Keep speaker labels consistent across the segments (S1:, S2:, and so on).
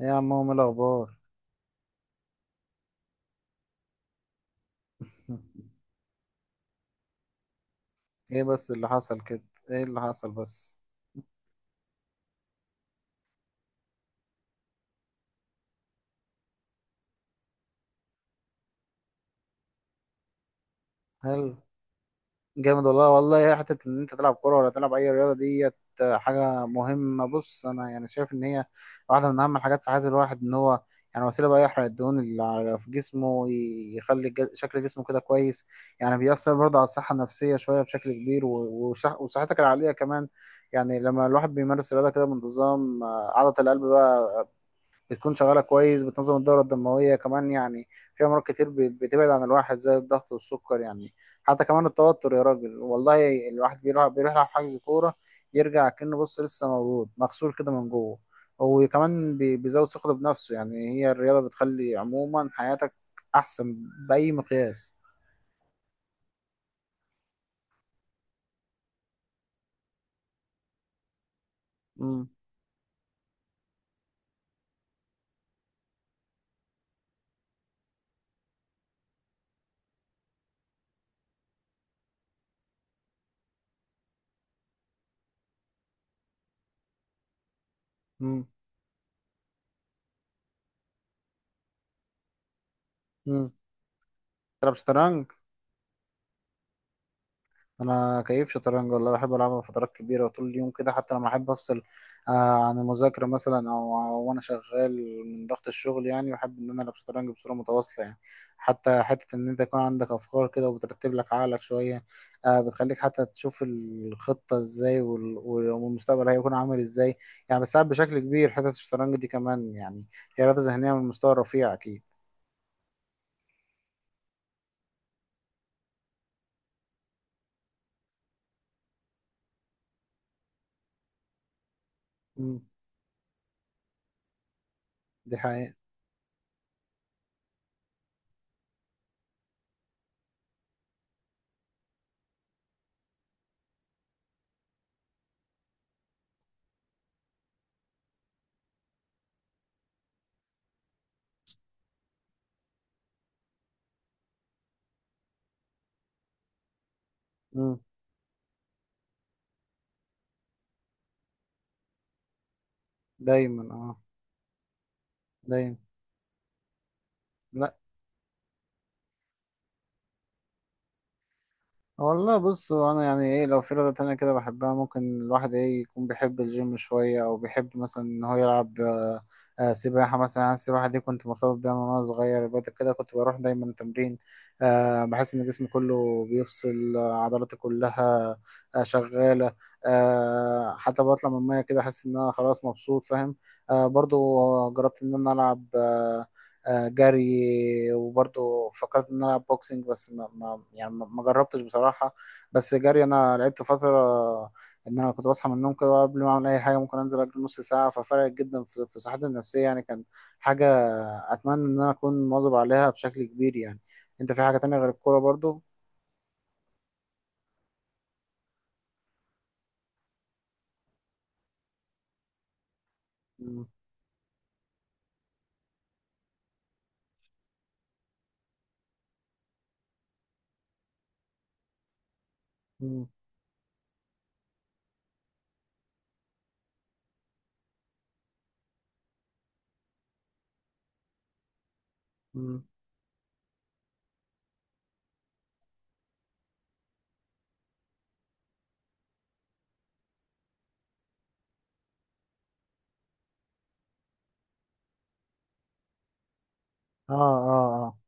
S1: ايه يا عمو، ايه الاخبار؟ ايه بس اللي حصل كده؟ ايه اللي حصل بس؟ هل جامد؟ والله حته ان انت تلعب كوره ولا تلعب اي رياضه ديت حاجه مهمه. بص، انا يعني شايف ان هي واحده من اهم الحاجات في حياه الواحد، ان هو يعني وسيله بقى يحرق الدهون اللي في جسمه، ويخلي شكل جسمه كده كويس. يعني بيأثر برضه على الصحه النفسيه شويه بشكل كبير، وصحتك العقليه كمان. يعني لما الواحد بيمارس رياضه كده بانتظام، عضله القلب بتكون شغاله كويس، بتنظم الدوره الدمويه كمان. يعني في امراض كتير بتبعد عن الواحد زي الضغط والسكر، يعني حتى كمان التوتر يا راجل. والله الواحد بيروح يلعب حجز كوره، يرجع كأنه، بص، لسه مولود مغسول كده من جوه. وكمان بيزود ثقته بنفسه. يعني هي الرياضه بتخلي عموما حياتك احسن باي مقياس. امم. امم. امم. تلعب شطرنج؟ انا كيف شطرنج، والله بحب العبها فترات كبيره وطول اليوم كده. حتى لما احب افصل عن المذاكره مثلا، او وانا شغال من ضغط الشغل، يعني بحب ان انا العب شطرنج بصوره متواصله. يعني حتى حته ان انت يكون عندك افكار كده وبترتب لك عقلك شويه، آه، بتخليك حتى تشوف الخطه ازاي والمستقبل هيكون عامل ازاي. يعني بتساعد بشكل كبير حته الشطرنج دي كمان، يعني هي رياضه ذهنيه من مستوى رفيع اكيد. مم. دي حقيقه. مم. دايما. اه، دايما. والله بص، هو انا يعني ايه، لو في رياضة تانية كده بحبها، ممكن الواحد ايه، يكون بيحب الجيم شوية، او بيحب مثلا ان هو يلعب سباحة مثلا. انا السباحة دي كنت مرتبط بيها من وانا صغير. بعد كده كنت بروح دايما تمرين، بحس ان جسمي كله بيفصل، عضلاتي كلها شغالة. حتى بطلع من المية كده احس ان انا خلاص مبسوط، فاهم؟ برضو جربت ان انا العب جري، وبرضه فكرت ان انا العب بوكسنج، بس ما يعني ما جربتش بصراحه. بس جري انا لعبت فتره، ان انا كنت بصحى من النوم كده قبل ما اعمل اي حاجه، ممكن انزل اجري نص ساعه. ففرقت جدا في صحتي النفسيه، يعني كان حاجه اتمنى ان انا اكون مواظب عليها بشكل كبير. يعني انت في حاجه تانية غير الكوره برضو؟ مم. مم. مم. اه. اه. اه.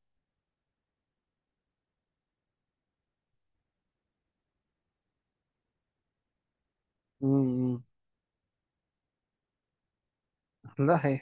S1: مم. لا هي،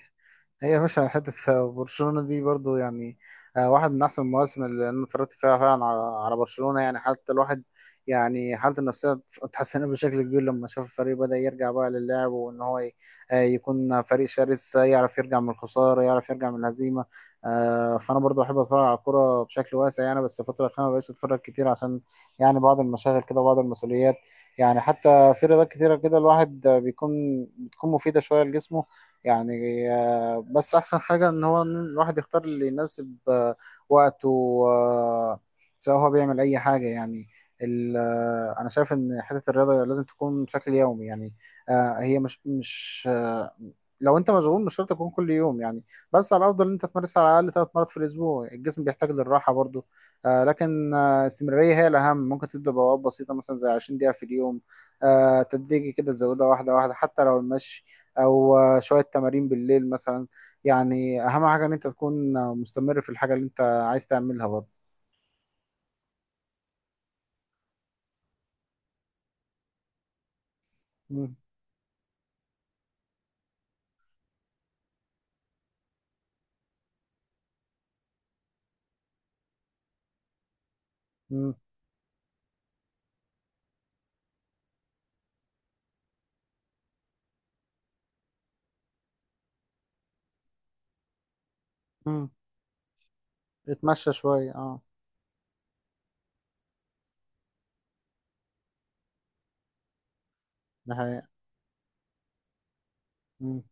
S1: هي يا باشا حتة. برشلونة دي برضو يعني، واحد من أحسن المواسم اللي أنا اتفرجت فيها فعلا على برشلونة. يعني حتى الواحد يعني حالته النفسية اتحسنت بشكل كبير لما شاف الفريق بدأ يرجع بقى للعب، وإن هو يكون فريق شرس، يعرف يرجع من الخسارة، يعرف يرجع من الهزيمة. فأنا برضو أحب أتفرج على الكورة بشكل واسع، يعني بس الفترة الأخيرة مبقتش أتفرج كتير عشان يعني بعض المشاغل كده وبعض المسؤوليات. يعني حتى في رياضات كتيرة كده الواحد بيكون بتكون مفيدة شوية لجسمه، يعني بس احسن حاجة ان هو إن الواحد يختار اللي يناسب وقته، آه، سواء هو بيعمل اي حاجة. يعني انا شايف ان حتة الرياضة لازم تكون بشكل يومي. يعني هي مش لو انت مشغول، مش شرط تكون كل يوم. يعني بس على الافضل ان انت تمارسها على الاقل 3 مرات في الاسبوع. الجسم بيحتاج للراحة برضو، لكن استمرارية هي الاهم. ممكن تبدأ بوابات بسيطة مثلا زي 20 دقيقة في اليوم، تدريجي كده تزودها واحدة واحدة، حتى لو المشي، او شوية تمارين بالليل مثلا. يعني اهم حاجة ان انت تكون مستمر في الحاجة اللي انت عايز تعملها برضه. مم. مم. مم. اتمشى شوية، اه. ده حقيقة. مم.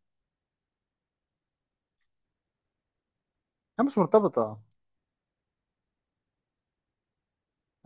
S1: هي مش مرتبطة.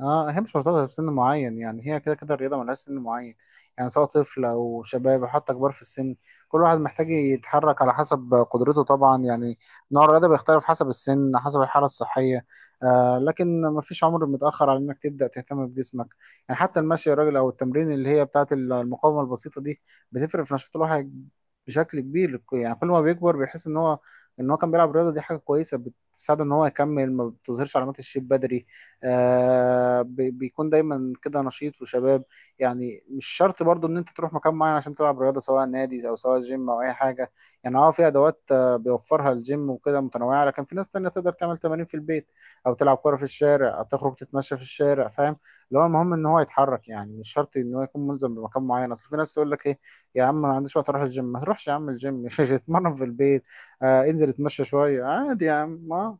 S1: اه، هي مش مرتبطة بسن معين. يعني هي كده كده الرياضة ملهاش سن معين، يعني سواء طفل أو شباب أو حتى كبار في السن، كل واحد محتاج يتحرك على حسب قدرته طبعا. يعني نوع الرياضة بيختلف حسب السن، حسب الحالة الصحية، آه، لكن مفيش عمر متأخر على إنك تبدأ تهتم بجسمك. يعني حتى المشي يا راجل، أو التمرين اللي هي بتاعة المقاومة البسيطة دي، بتفرق في نشاط الواحد بشكل كبير. يعني كل ما بيكبر بيحس إن هو، إن هو كان بيلعب رياضة، دي حاجة كويسة بتساعده إن هو يكمل، ما بتظهرش علامات الشيب بدري، آه، بيكون دايما كده نشيط وشباب. يعني مش شرط برضو ان انت تروح مكان معين عشان تلعب رياضه، سواء نادي او سواء جيم او اي حاجه. يعني اه، في ادوات بيوفرها الجيم وكده متنوعه، لكن في ناس تانية تقدر تعمل تمارين في البيت، او تلعب كوره في الشارع، او تخرج تتمشى في الشارع، فاهم؟ اللي هو المهم ان هو يتحرك. يعني مش شرط ان هو يكون ملزم بمكان معين. اصل في ناس تقول لك ايه، يا عم انا ما عنديش وقت اروح الجيم. ما تروحش يا عم الجيم، اتمرن في البيت. آه، انزل اتمشى شويه عادي يا عم، اه.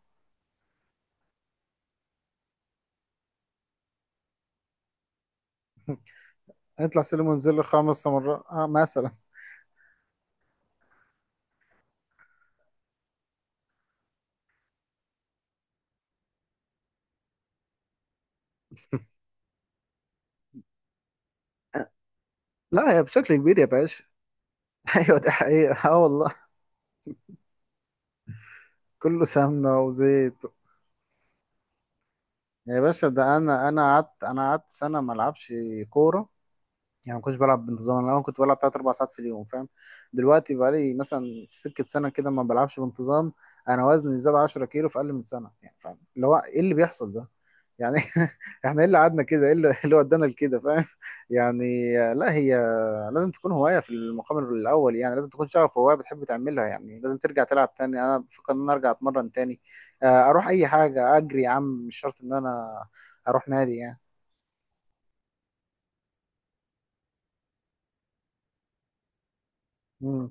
S1: اطلع سلم وانزل 5 مرات آه، مثلا. لا هي بشكل كبير يا باشا. ايوه، دي حقيقة. اه والله، كله سمنة وزيت. يا باشا، ده انا، انا قعدت سنة ما العبش كورة. يعني ما كنتش بلعب بانتظام. انا الاول كنت بلعب 3 أو 4 ساعات في اليوم، فاهم؟ دلوقتي بقالي مثلا سكة سنة كده ما بلعبش بانتظام. انا وزني زاد 10 كيلو في اقل من سنة، يعني فاهم اللي هو ايه اللي بيحصل ده؟ يعني احنا ايه اللي قعدنا كده؟ ايه اللي إيه اللي ودانا لكده، فاهم؟ يعني لا هي لازم تكون هواية في المقام الأول. يعني لازم تكون شغف، هواية بتحب تعملها. يعني لازم ترجع تلعب تاني. أنا بفكر إن أنا أرجع أتمرن تاني، أروح أي حاجة أجري يا عم، مش شرط إن أنا أروح نادي يعني. مم.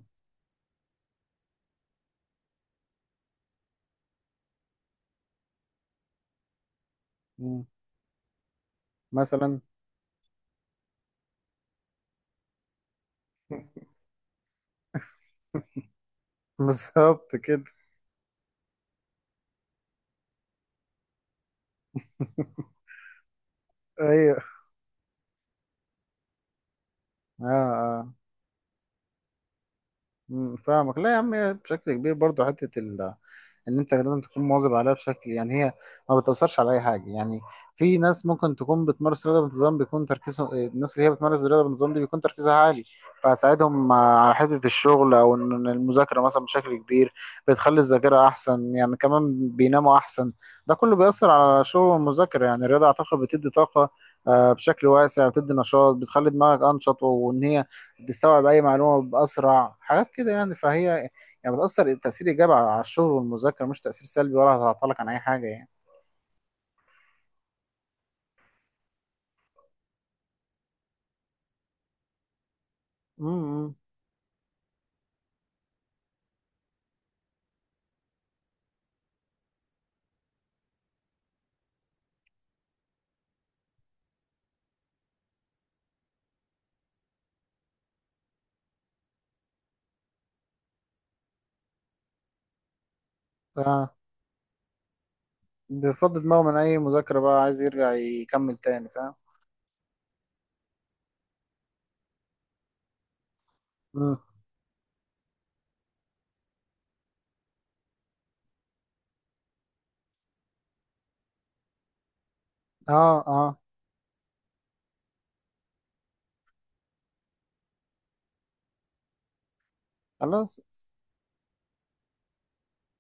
S1: مم. مثلا. بالظبط كده. أيوه. آه، آه. مم، فاهمك. لا يا عم، هي بشكل كبير برضه حته ان انت لازم تكون مواظب عليها بشكل. يعني هي ما بتاثرش على اي حاجه. يعني في ناس ممكن تكون بتمارس رياضه بانتظام بيكون تركيزهم، الناس اللي هي بتمارس الرياضه بانتظام دي بيكون تركيزها عالي، فهتساعدهم على حته الشغل او ان المذاكره مثلا بشكل كبير. بتخلي الذاكره احسن، يعني كمان بيناموا احسن. ده كله بيأثر على الشغل والمذاكره. يعني الرياضه اعتقد بتدي طاقه بشكل واسع، بتدي نشاط، بتخلي دماغك انشط، وان هي بيستوعب اي معلومه باسرع حاجات كده. يعني فهي، يعني بتاثر تاثير ايجابي على الشغل والمذاكره، مش تاثير سلبي، ولا هتعطلك عن اي حاجه يعني. امم. ف- بيفضي دماغه من اي مذاكره بقى، عايز يرجع يكمل تاني، فاهم. امم. اه. اه. خلاص.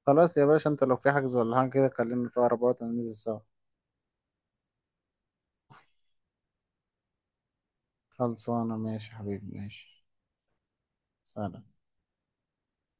S1: خلاص يا باشا، انت لو في حجز ولا حاجه كده، كلمني في اقرب وقت وننزل سوا. خلصانه، ماشي يا حبيبي، ماشي. سلام.